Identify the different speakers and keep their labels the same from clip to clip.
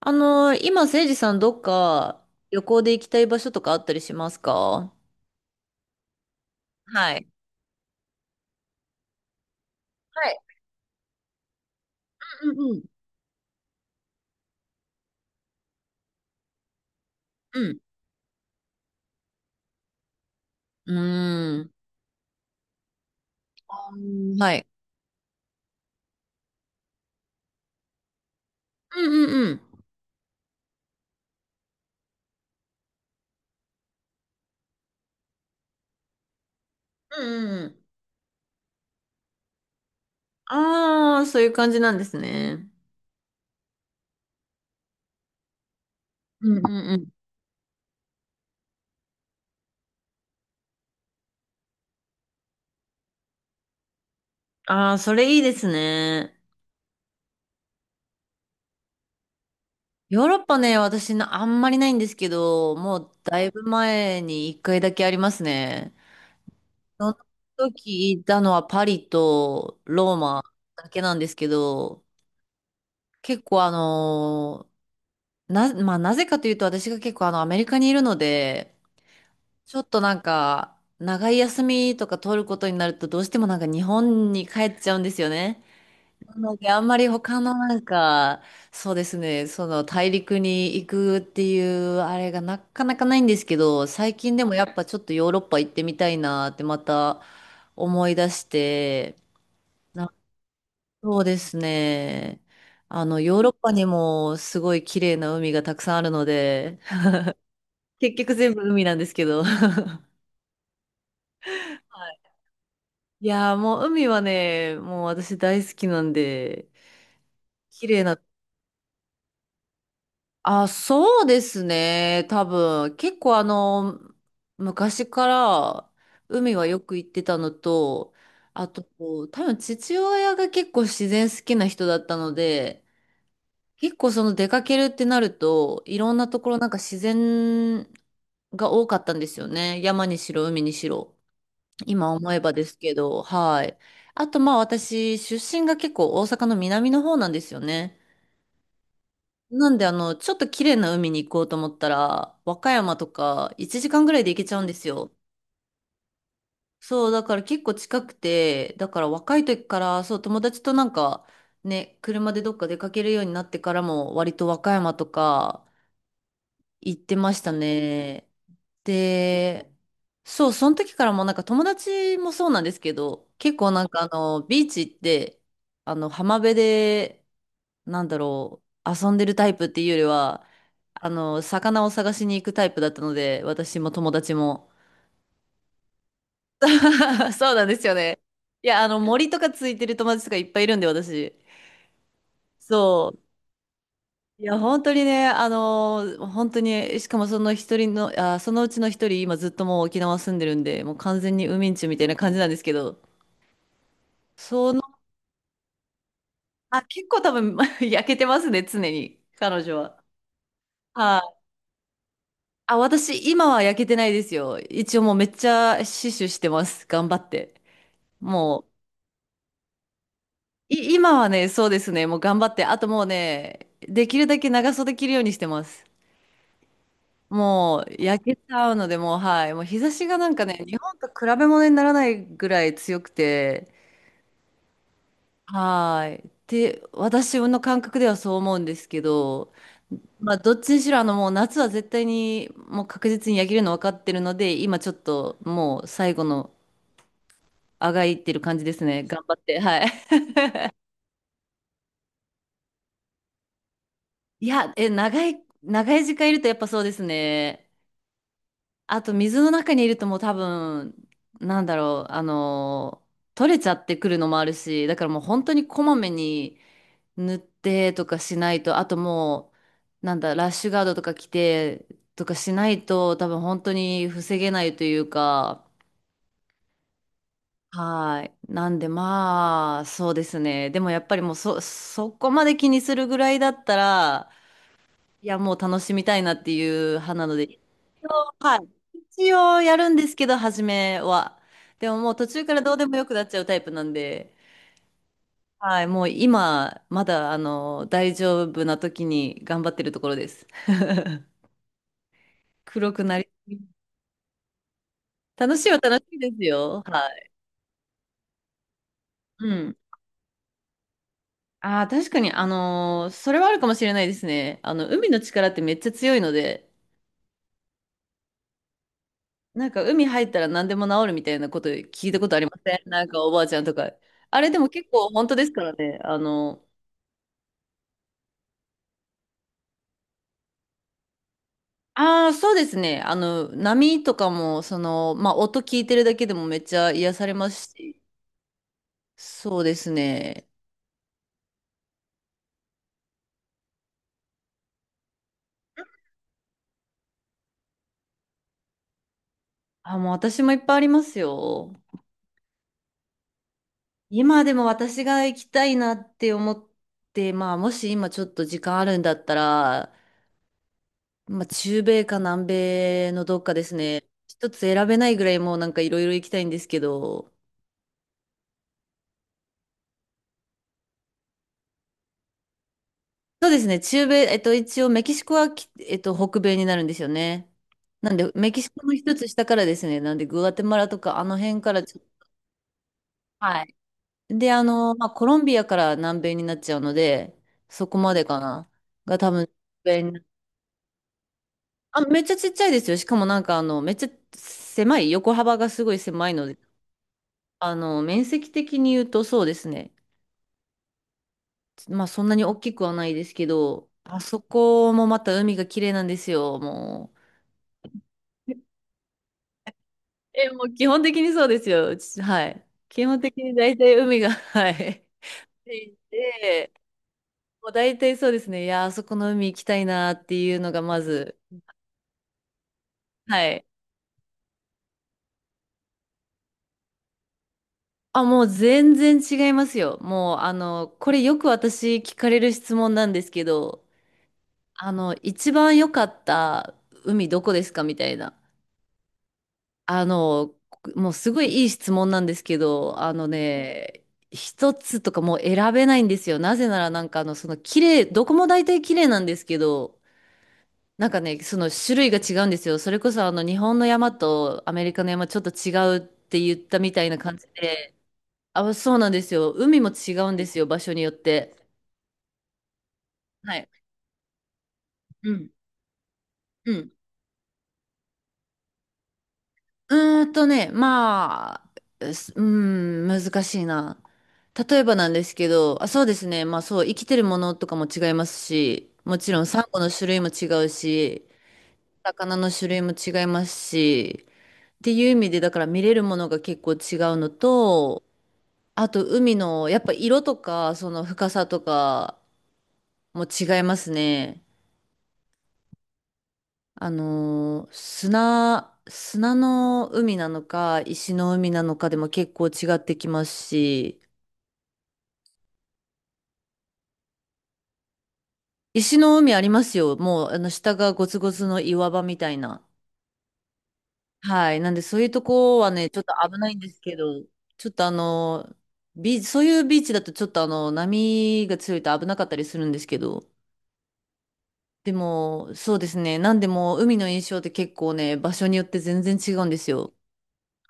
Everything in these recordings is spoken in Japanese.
Speaker 1: 今、せいじさん、どっか旅行で行きたい場所とかあったりしますか？はい。はい。うんうんうん。うん。うーん。はい。うんうんうん。うんうんうん。ああ、そういう感じなんですね。うんうんうん。ああ、それいいですね。ヨーロッパね、私な、あんまりないんですけど、もうだいぶ前に一回だけありますね。その時行ったのはパリとローマだけなんですけど、結構あのーな、まあ、なぜかというと、私が結構アメリカにいるので、ちょっとなんか、長い休みとか取ることになると、どうしてもなんか日本に帰っちゃうんですよね。なので、あんまり他のなんか、そうですね、その大陸に行くっていうあれがなかなかないんですけど、最近でもやっぱちょっとヨーロッパ行ってみたいなってまた思い出して、なそうですね。あの、ヨーロッパにもすごい綺麗な海がたくさんあるので、結局全部海なんですけど。はい。いやー、もう海はね、もう私大好きなんで、綺麗な。あ、そうですね。多分、結構昔から海はよく行ってたのと、あとこう、多分父親が結構自然好きな人だったので、結構出かけるってなると、いろんなところなんか自然が多かったんですよね。山にしろ、海にしろ。今思えばですけど、はい。あと、まあ私、出身が結構大阪の南の方なんですよね。なんで、ちょっと綺麗な海に行こうと思ったら、和歌山とか1時間ぐらいで行けちゃうんですよ。そう、だから結構近くて、だから若い時から、そう、友達となんか、ね、車でどっか出かけるようになってからも、割と和歌山とか、行ってましたね。で、そう、その時からもうなんか友達もそうなんですけど、結構なんかビーチ行って、浜辺で、なんだろう、遊んでるタイプっていうよりは、魚を探しに行くタイプだったので、私も友達も。そうなんですよね。いや、森とかついてる友達とかいっぱいいるんで、私。そう。いや、本当にね、本当に、しかもその一人の、そのうちの一人、今ずっともう沖縄住んでるんで、もう完全にウミンチュみたいな感じなんですけど、その、結構多分 焼けてますね、常に、彼女は。はい。あ、私、今は焼けてないですよ。一応もうめっちゃ死守してます、頑張って。もう、今はね、そうですね、もう頑張って、あともうね、できるだけ長袖着るようにしてます。もう焼けちゃうので、もうはい。もう日差しがなんかね、日本と比べ物にならないぐらい強くて、はい。って私の感覚ではそう思うんですけど、まあどっちにしろもう夏は絶対にもう確実に焼けるの分かってるので、今ちょっともう最後のあがいってる感じですね。頑張って。はい。いや、長い、長い時間いるとやっぱそうですね。あと水の中にいるともう多分、なんだろう、取れちゃってくるのもあるし、だからもう本当にこまめに塗ってとかしないと、あともう、なんだ、ラッシュガードとか着てとかしないと多分本当に防げないというか、はい。なんでまあ、そうですね。でもやっぱりもうそこまで気にするぐらいだったら、いやもう楽しみたいなっていう派なので、はい。一応やるんですけど、初めは。でももう途中からどうでもよくなっちゃうタイプなんで、はい、もう今、まだ、大丈夫な時に頑張ってるところです。黒くなり、楽しいは楽しいですよ。はい。うん。ああ、確かに、それはあるかもしれないですね。海の力ってめっちゃ強いので、なんか海入ったら何でも治るみたいなこと聞いたことありませんなんかおばあちゃんとか。あれでも結構本当ですからね。ああ、そうですね。波とかも、まあ、音聞いてるだけでもめっちゃ癒されますし。そうですね。あ、もう私もいっぱいありますよ。今でも私が行きたいなって思って、まあ、もし今ちょっと時間あるんだったら、まあ、中米か南米のどっかですね。一つ選べないぐらいもうなんかいろいろ行きたいんですけど、そうですね。中米、一応メキシコは北米になるんですよね。なんで、メキシコの一つ下からですね。なんで、グアテマラとか、あの辺からちょっと、はい。で、まあ、コロンビアから南米になっちゃうので、そこまでかな。が多分、南米にあ、めっちゃちっちゃいですよ。しかもなんか、めっちゃ狭い、横幅がすごい狭いので、面積的に言うとそうですね。まあ、そんなに大きくはないですけど、あそこもまた海が綺麗なんですよ、もう。え、もう基本的にそうですよ。うちはい。基本的に大体海が、はい。ついて、もう大体そうですね。いや、あそこの海行きたいなっていうのがまず、はい。あ、もう全然違いますよ。もう、これよく私聞かれる質問なんですけど、一番良かった海どこですかみたいな。あの、もうすごいいい質問なんですけど、一つとかもう選べないんですよ。なぜならなんか綺麗、どこも大体綺麗なんですけど、なんかね、その種類が違うんですよ。それこそ日本の山とアメリカの山ちょっと違うって言ったみたいな感じで、あ、そうなんですよ。海も違うんですよ、場所によって。はい。うん。うんうーんとね、まあ、うすうーん、難しいな。例えばなんですけど、あ、そうですね、まあそう、生きてるものとかも違いますし、もちろんサンゴの種類も違うし、魚の種類も違いますし、っていう意味で、だから見れるものが結構違うのと、あと海の、やっぱ色とか、その深さとかも違いますね。砂の海なのか、石の海なのかでも結構違ってきますし、石の海ありますよ。もう、下がゴツゴツの岩場みたいな。はい。なんで、そういうとこはね、ちょっと危ないんですけど、ちょっとあのー、ビーチ、そういうビーチだとちょっと波が強いと危なかったりするんですけど、でも、そうですね。なんでも、海の印象って結構ね、場所によって全然違うんですよ。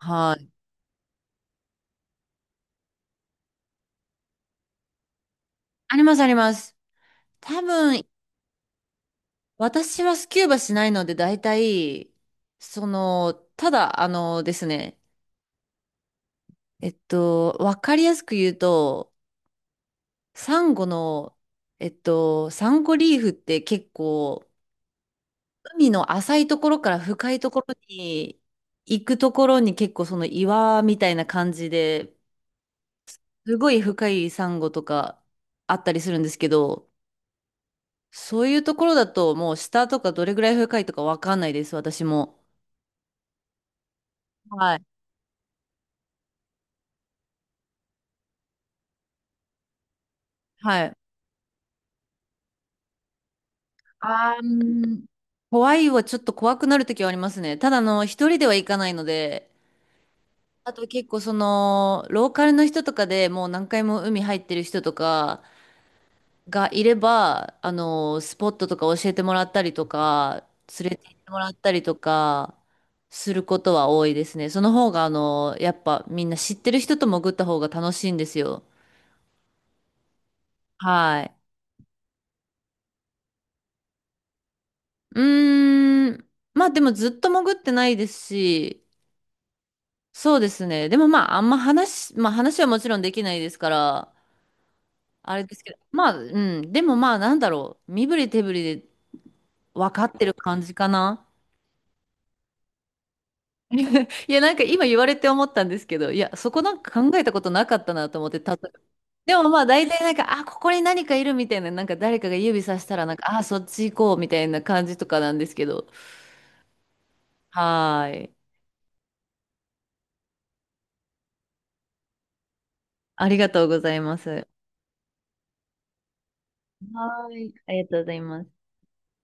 Speaker 1: はい。あります、あります。多分私はスキューバしないので、大体、その、ただ、あのですね、えっと、わかりやすく言うと、サンゴの、サンゴリーフって結構、海の浅いところから深いところに行くところに結構その岩みたいな感じで、すごい深いサンゴとかあったりするんですけど、そういうところだともう下とかどれぐらい深いとかわかんないです、私も。はい。はい。あー、怖いはちょっと怖くなるときはありますね。ただ一人では行かないので、あと結構ローカルの人とかでもう何回も海入ってる人とかがいれば、スポットとか教えてもらったりとか、連れて行ってもらったりとか、することは多いですね。その方がやっぱみんな知ってる人と潜った方が楽しいんですよ。はい。うーん。まあでもずっと潜ってないですし、そうですね。でもまあ、あんま話、まあ話はもちろんできないですから、あれですけど、まあ、うん。でもまあ、なんだろう。身振り手振りで分かってる感じかな。いや、なんか今言われて思ったんですけど、いや、そこなんか考えたことなかったなと思って、でもまあ、大体なんか、あ、ここに何かいるみたいな、なんか誰かが指さしたら、なんか、あ、そっち行こうみたいな感じとかなんですけど。はーい。ありがとうございます。はーい。ありがとうございます。